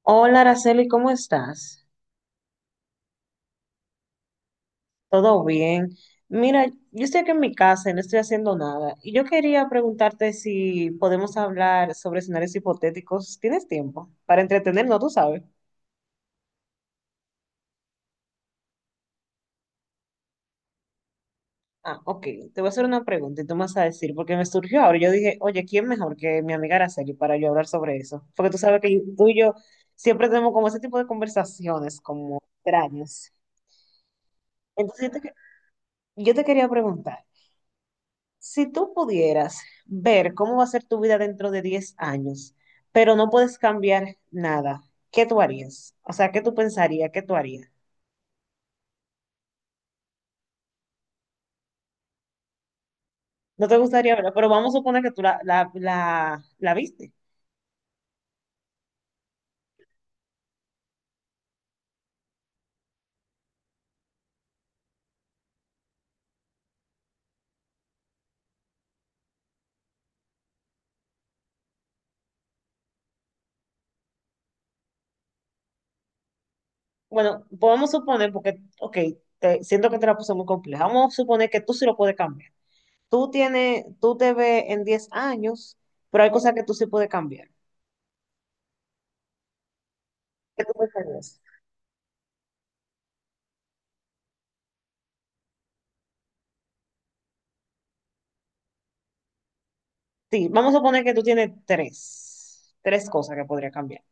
Hola, Araceli, ¿cómo estás? ¿Todo bien? Mira, yo estoy aquí en mi casa y no estoy haciendo nada. Y yo quería preguntarte si podemos hablar sobre escenarios hipotéticos. ¿Tienes tiempo? Para entretenernos, tú sabes. Ah, ok. Te voy a hacer una pregunta y tú me vas a decir, porque me surgió ahora. Yo dije, oye, ¿quién mejor que mi amiga Araceli para yo hablar sobre eso? Porque tú sabes que tú y yo siempre tenemos como ese tipo de conversaciones como extrañas. Entonces, yo te quería preguntar. Si tú pudieras ver cómo va a ser tu vida dentro de 10 años, pero no puedes cambiar nada, ¿qué tú harías? O sea, ¿qué tú pensarías? ¿Qué tú harías? No te gustaría verla, pero vamos a suponer que tú la viste. Bueno, pues vamos a suponer, porque, ok, siento que te la puse muy compleja. Vamos a suponer que tú sí lo puedes cambiar. Tú tienes, tú te ves en 10 años, pero hay cosas que tú sí puedes cambiar. ¿Qué tú pensarías? Sí, vamos a suponer que tú tienes tres cosas que podría cambiar.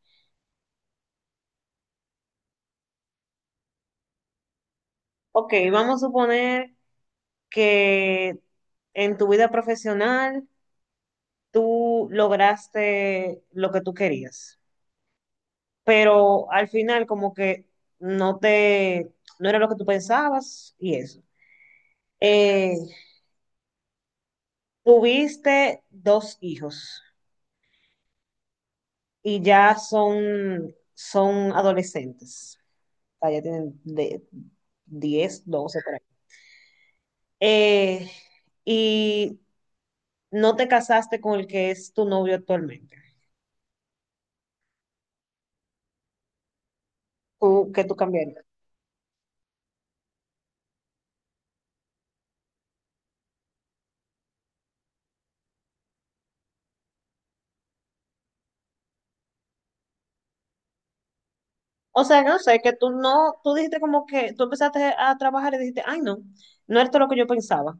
Ok, vamos a suponer que en tu vida profesional tú lograste lo que tú querías, pero al final como que no te, no era lo que tú pensabas y eso. Eh, Tuviste dos hijos y ya son, adolescentes, o sea, ya tienen de 10 12 por ahí. Eh, y no te casaste con el que es tu novio actualmente. Tú, que tú cambiarías? O sea, no sé, que tú no, tú dijiste como que tú empezaste a trabajar y dijiste, ay, no, no esto es todo lo que yo pensaba.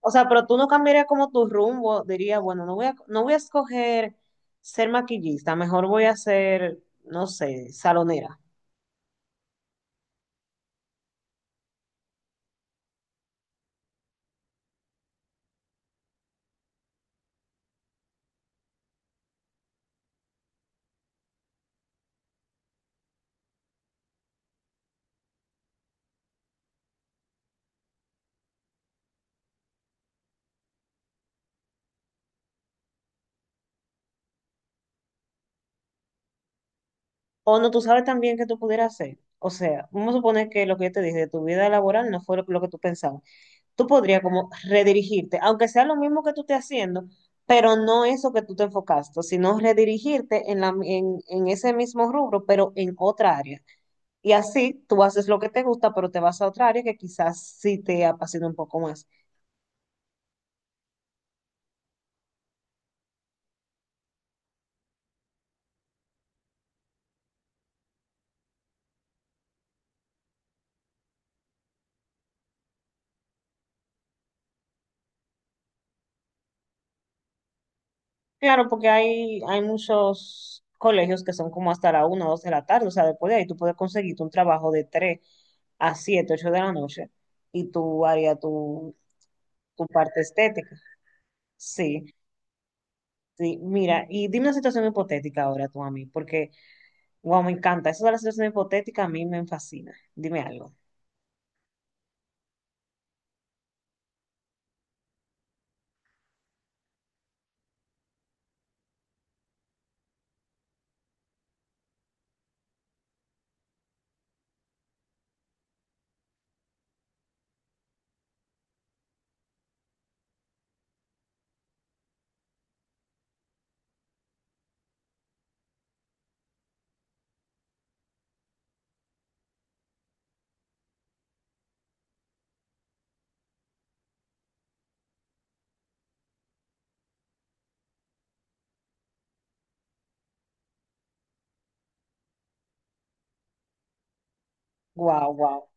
O sea, pero tú no cambiarías como tu rumbo, dirías, bueno, no voy a escoger ser maquillista, mejor voy a ser, no sé, salonera. O no, tú sabes también que tú pudieras hacer. O sea, vamos a suponer que lo que yo te dije de tu vida laboral no fue lo que tú pensabas. Tú podrías como redirigirte, aunque sea lo mismo que tú estés haciendo, pero no eso que tú te enfocaste, sino redirigirte en, en ese mismo rubro, pero en otra área. Y así tú haces lo que te gusta, pero te vas a otra área que quizás sí te apasiona un poco más. Claro, porque hay muchos colegios que son como hasta la 1 o 2 de la tarde, o sea, después de ahí tú puedes conseguirte un trabajo de 3 a 7 8 de la noche y tú harías tu parte estética. Sí. Sí, mira, y dime una situación hipotética ahora tú a mí, porque, wow, me encanta. Eso de la situación hipotética a mí me fascina. Dime algo. Wow, wow.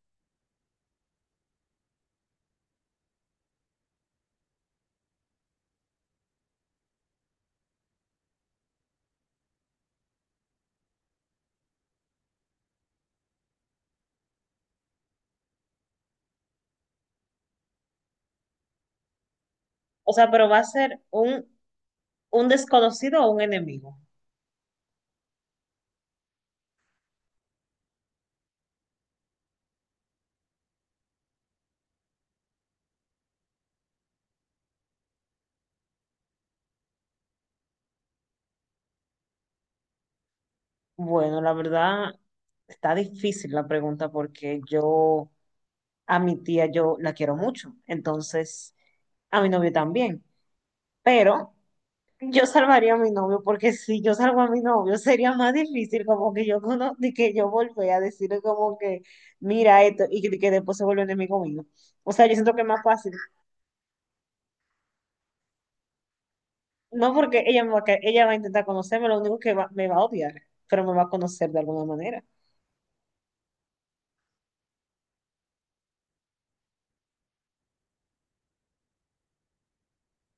O sea, pero va a ser un desconocido o un enemigo. Bueno, la verdad, está difícil la pregunta porque yo a mi tía yo la quiero mucho. Entonces, a mi novio también. Pero yo salvaría a mi novio, porque si yo salvo a mi novio, sería más difícil como que yo de que yo volví a decirle como que, mira esto, y que después se vuelve enemigo mío. O sea, yo siento que es más fácil. No porque ella me va a, que- ella va a intentar conocerme, lo único que me va a odiar, pero me va a conocer de alguna manera.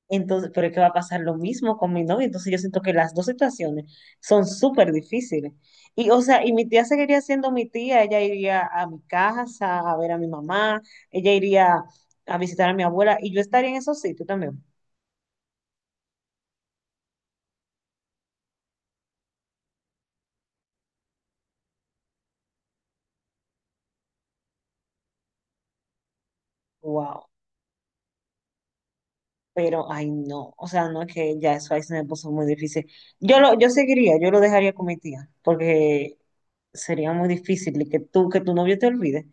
Entonces, pero es que va a pasar lo mismo con mi novio. Entonces yo siento que las dos situaciones son súper difíciles. Y, o sea, y mi tía seguiría siendo mi tía. Ella iría a mi casa a ver a mi mamá. Ella iría a visitar a mi abuela. Y yo estaría en esos sitios también. Wow. Pero, ay, no. O sea, no es que ya eso ahí se me puso muy difícil. Yo lo dejaría con mi tía. Porque sería muy difícil que tú, que tu novio te olvide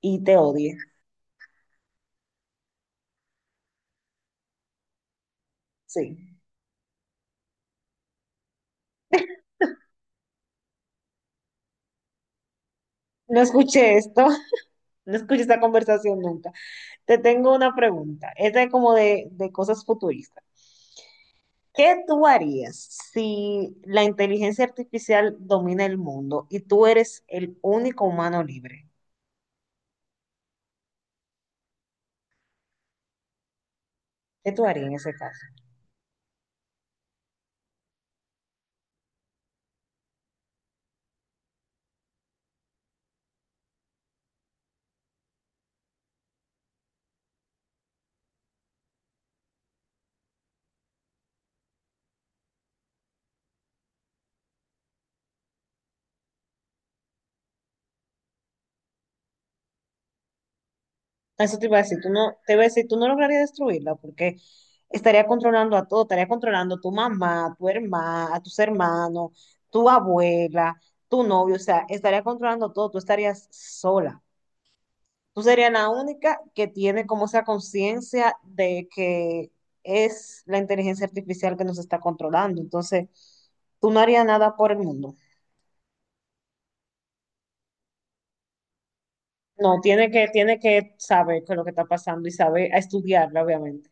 y te odie. Sí. No escuché esto. No escuché esta conversación nunca. Te tengo una pregunta. Esta es como de cosas futuristas. ¿Qué tú harías si la inteligencia artificial domina el mundo y tú eres el único humano libre? ¿Qué tú harías en ese caso? Eso te iba a decir, tú no, te iba a decir, tú no lograrías destruirla porque estaría controlando a todo, estaría controlando a tu mamá, a tu hermana, a tus hermanos, tu abuela, tu novio, o sea, estaría controlando todo, tú estarías sola. Tú serías la única que tiene como esa conciencia de que es la inteligencia artificial que nos está controlando. Entonces, tú no harías nada por el mundo. No, tiene que saber qué es lo que está pasando y saber a estudiarla, obviamente.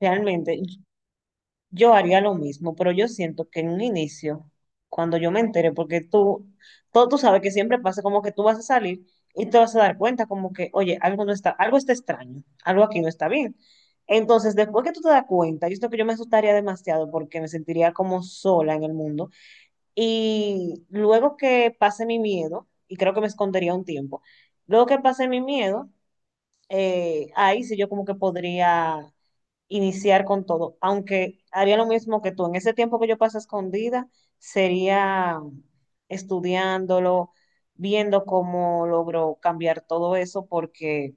Realmente, yo haría lo mismo, pero yo siento que en un inicio, cuando yo me entere, porque tú, todo tú sabes que siempre pasa como que tú vas a salir y te vas a dar cuenta como que, oye, algo no está, algo está extraño, algo aquí no está bien. Entonces, después que tú te das cuenta, yo siento que yo me asustaría demasiado porque me sentiría como sola en el mundo. Y luego que pase mi miedo, y creo que me escondería un tiempo, luego que pase mi miedo, ahí sí yo como que podría iniciar con todo, aunque haría lo mismo que tú. En ese tiempo que yo paso escondida, sería estudiándolo, viendo cómo logro cambiar todo eso, porque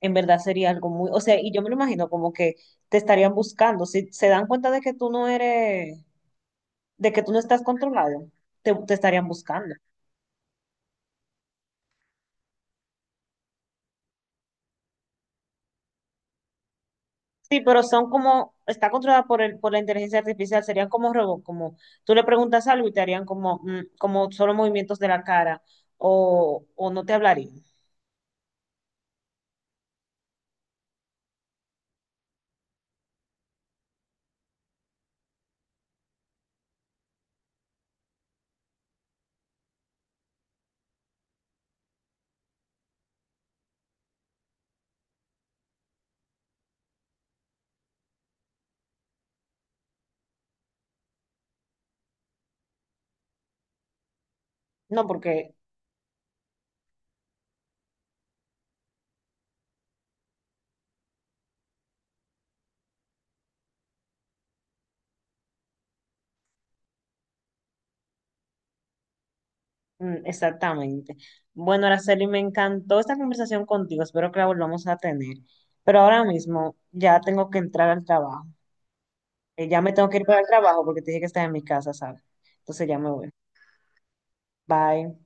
en verdad sería algo muy, o sea, y yo me lo imagino como que te estarían buscando. Si se dan cuenta de que tú no eres, de que tú no estás controlado, te estarían buscando. Sí, pero son como, está controlada por el, por la inteligencia artificial, serían como robots, como tú le preguntas algo y te harían como, como solo movimientos de la cara o, no te hablarían. No, porque exactamente. Bueno, Araceli, me encantó esta conversación contigo, espero que la volvamos a tener. Pero ahora mismo ya tengo que entrar al trabajo. Ya me tengo que ir para el trabajo porque te dije que estás en mi casa, ¿sabes? Entonces ya me voy. Bye.